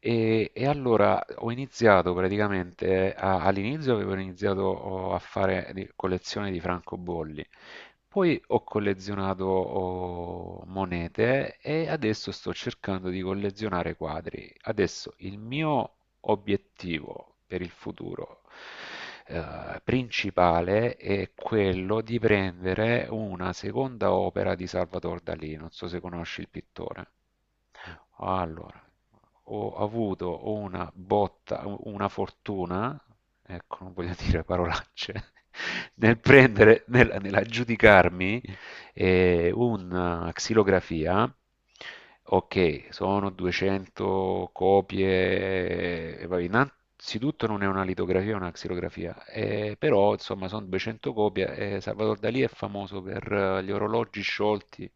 E allora ho iniziato praticamente, all'inizio avevo iniziato a fare collezione di francobolli, poi ho collezionato monete e adesso sto cercando di collezionare quadri. Adesso il mio obiettivo per il futuro principale è quello di prendere una seconda opera di Salvador Dalì, non so se conosci il pittore. Allora, ho avuto una botta, una fortuna, ecco, non voglio dire parolacce, nel prendere, nell'aggiudicarmi e una xilografia, ok, sono 200 copie, e vabbè, innanzitutto non è una litografia, è una xilografia, però insomma sono 200 copie e Salvador Dalì è famoso per gli orologi sciolti,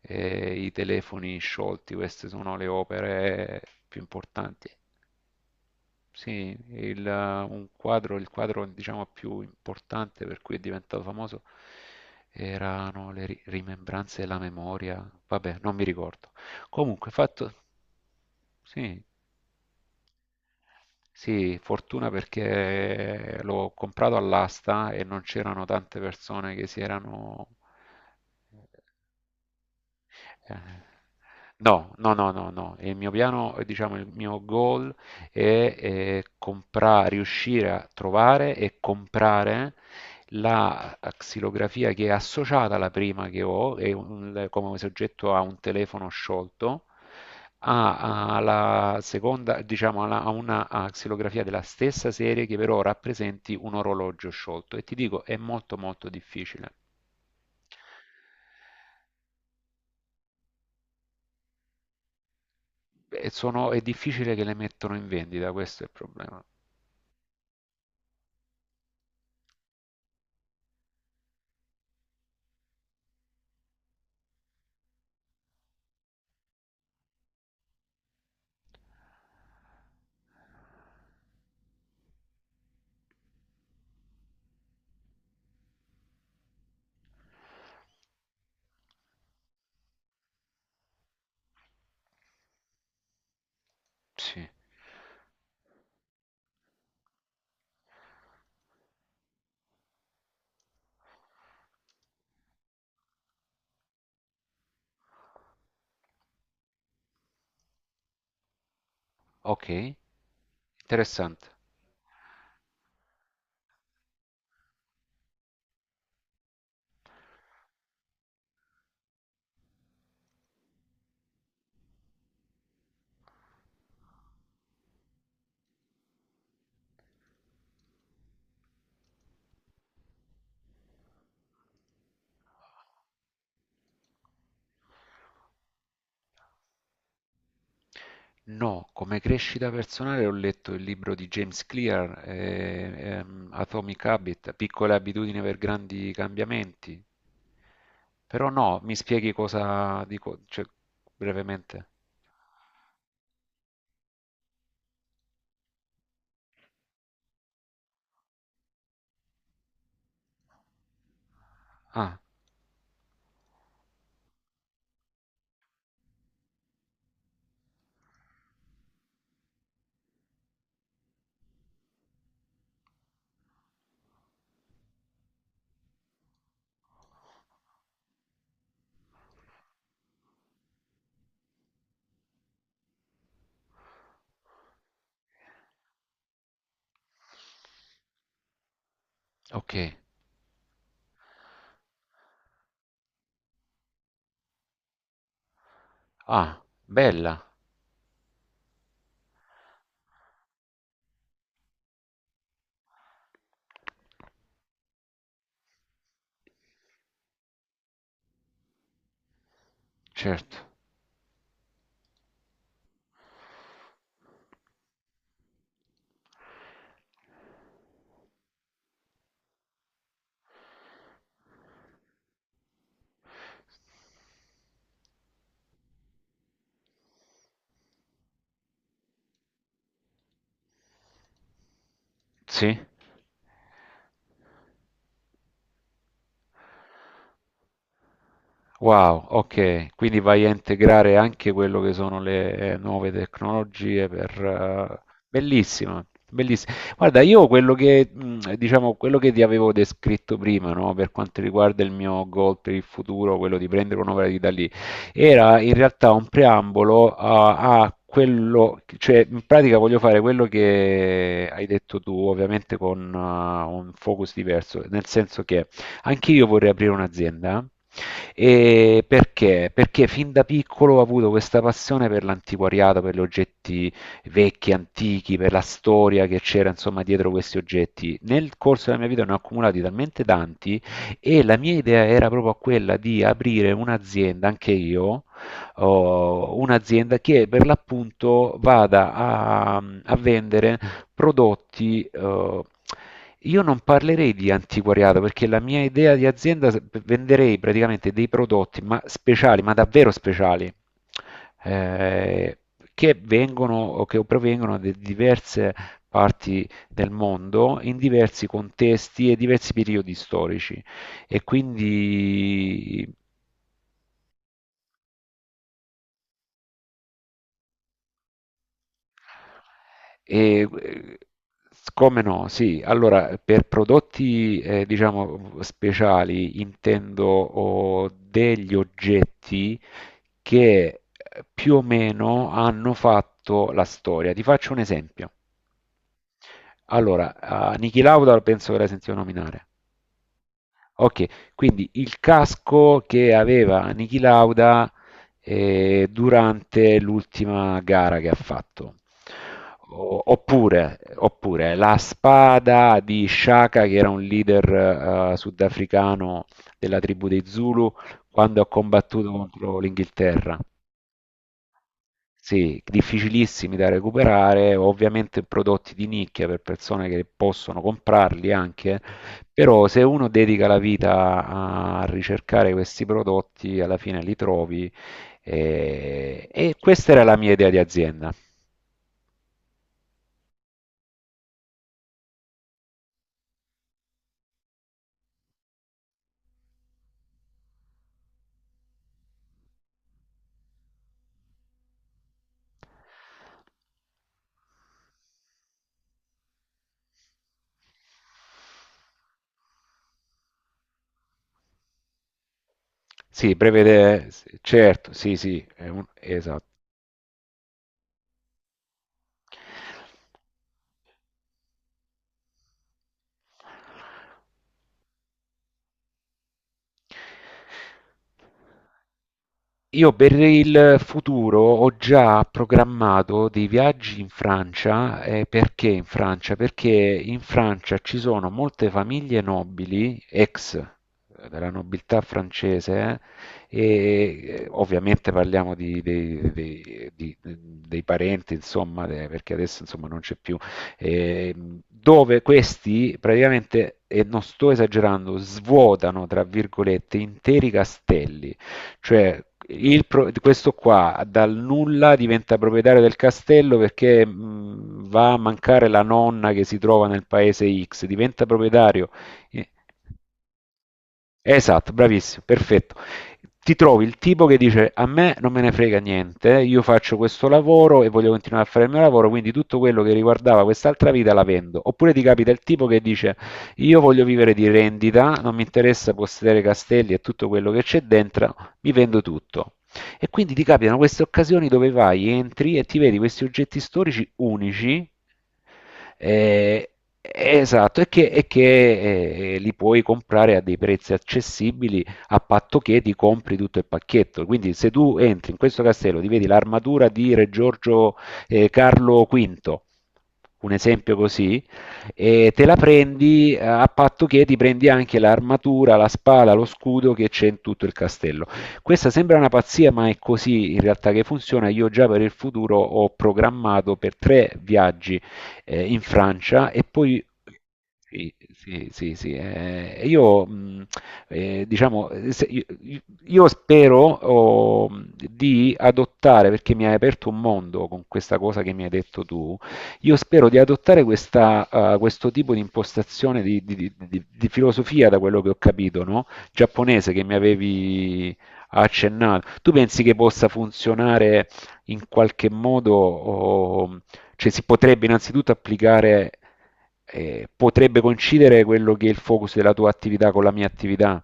e i telefoni sciolti, queste sono le opere più importanti. Sì, un quadro, il quadro diciamo più importante per cui è diventato famoso erano le rimembranze della memoria. Vabbè, non mi ricordo. Comunque, fatto... Sì, sì, fortuna perché l'ho comprato all'asta e non c'erano tante persone che si erano eh, no, no, no, no, no. Il mio piano, diciamo, il mio goal è, riuscire a trovare e comprare la xilografia che è associata alla prima che ho, è come soggetto a un telefono sciolto, a, alla seconda, diciamo, a una a xilografia della stessa serie che però rappresenti un orologio sciolto. E ti dico, è molto molto difficile. E è difficile che le mettano in vendita, questo è il problema. Sì, ok, interessante. No, come crescita personale ho letto il libro di James Clear, Atomic Habit, piccole abitudini per grandi cambiamenti. Però no, mi spieghi cosa dico, cioè, brevemente. Ah, ok. Ah, bella, certo. Sì, wow, ok, quindi vai a integrare anche quello che sono le nuove tecnologie per... eh, Bellissima, bellissima. Guarda, io quello che, diciamo, quello che ti avevo descritto prima, no, per quanto riguarda il mio goal per il futuro, quello di prendere un'opera di Dalì, era in realtà un preambolo a, a quello, cioè in pratica voglio fare quello che hai detto tu, ovviamente con un focus diverso, nel senso che... Anche io vorrei aprire un'azienda. E perché? Perché fin da piccolo ho avuto questa passione per l'antiquariato, per gli oggetti vecchi, antichi, per la storia che c'era insomma dietro questi oggetti. Nel corso della mia vita ne ho accumulati talmente tanti e la mia idea era proprio quella di aprire un'azienda, anche io, oh, un'azienda che per l'appunto vada a, a vendere prodotti, io non parlerei di antiquariato perché la mia idea di azienda venderei praticamente dei prodotti ma speciali, ma davvero speciali, eh, che vengono o che provengono da diverse parti del mondo in diversi contesti e diversi periodi storici. E quindi E, eh, come no, sì, allora per prodotti diciamo speciali intendo degli oggetti che più o meno hanno fatto la storia. Ti faccio un esempio. Allora, a Niki Lauda penso che l'hai sentito nominare. Okay, quindi il casco che aveva Niki Lauda, durante l'ultima gara che ha fatto. O oppure oppure la spada di Shaka, che era un leader, sudafricano della tribù dei Zulu, quando ha combattuto contro l'Inghilterra. Sì, difficilissimi da recuperare, ovviamente prodotti di nicchia per persone che possono comprarli anche, però se uno dedica la vita a ricercare questi prodotti, alla fine li trovi. Questa era la mia idea di azienda. Sì, prevede, certo, sì, sì, è esatto. Io per il futuro ho già programmato dei viaggi in Francia, perché in Francia? Perché in Francia ci sono molte famiglie nobili, ex della nobiltà francese, ovviamente parliamo dei parenti, insomma, perché adesso insomma, non c'è più, dove questi praticamente, e non sto esagerando, svuotano, tra virgolette, interi castelli. Cioè, il questo qua dal nulla diventa proprietario del castello perché va a mancare la nonna che si trova nel paese X, diventa proprietario. Eh, Esatto, bravissimo, perfetto. Ti trovi il tipo che dice a me non me ne frega niente, io faccio questo lavoro e voglio continuare a fare il mio lavoro, quindi tutto quello che riguardava quest'altra vita la vendo. Oppure ti capita il tipo che dice io voglio vivere di rendita, non mi interessa possedere castelli e tutto quello che c'è dentro, mi vendo tutto. E quindi ti capitano queste occasioni dove vai, entri e ti vedi questi oggetti storici unici. eh, Esatto, e che li puoi comprare a dei prezzi accessibili a patto che ti compri tutto il pacchetto. Quindi, se tu entri in questo castello, ti vedi l'armatura di Re Giorgio Carlo V, un esempio così, e te la prendi a patto che ti prendi anche l'armatura, la spada, lo scudo che c'è in tutto il castello. Questa sembra una pazzia, ma è così in realtà che funziona. Io già per il futuro ho programmato per 3 viaggi in Francia e poi sì, sì, sì, sì. Io diciamo, io spero di adottare, perché mi hai aperto un mondo con questa cosa che mi hai detto tu, io spero di adottare questa, questo tipo di impostazione di filosofia, da quello che ho capito, no? Giapponese che mi avevi ha accennato. Tu pensi che possa funzionare in qualche modo, o- cioè si potrebbe innanzitutto applicare, potrebbe coincidere quello che è il focus della tua attività con la mia attività?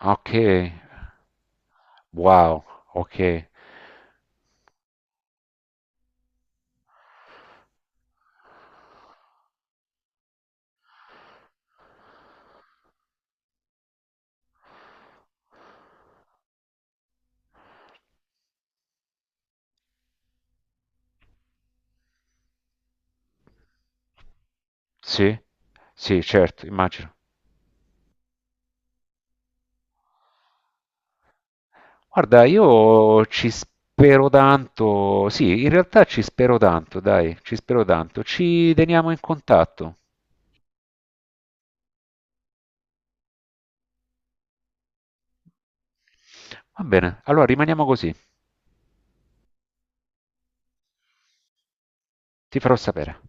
Ok, wow, ok, sì, sì, certo, immagino. Guarda, io ci spero tanto, sì, in realtà ci spero tanto, dai, ci spero tanto, ci teniamo in contatto. Va bene, allora rimaniamo così. Ti farò sapere.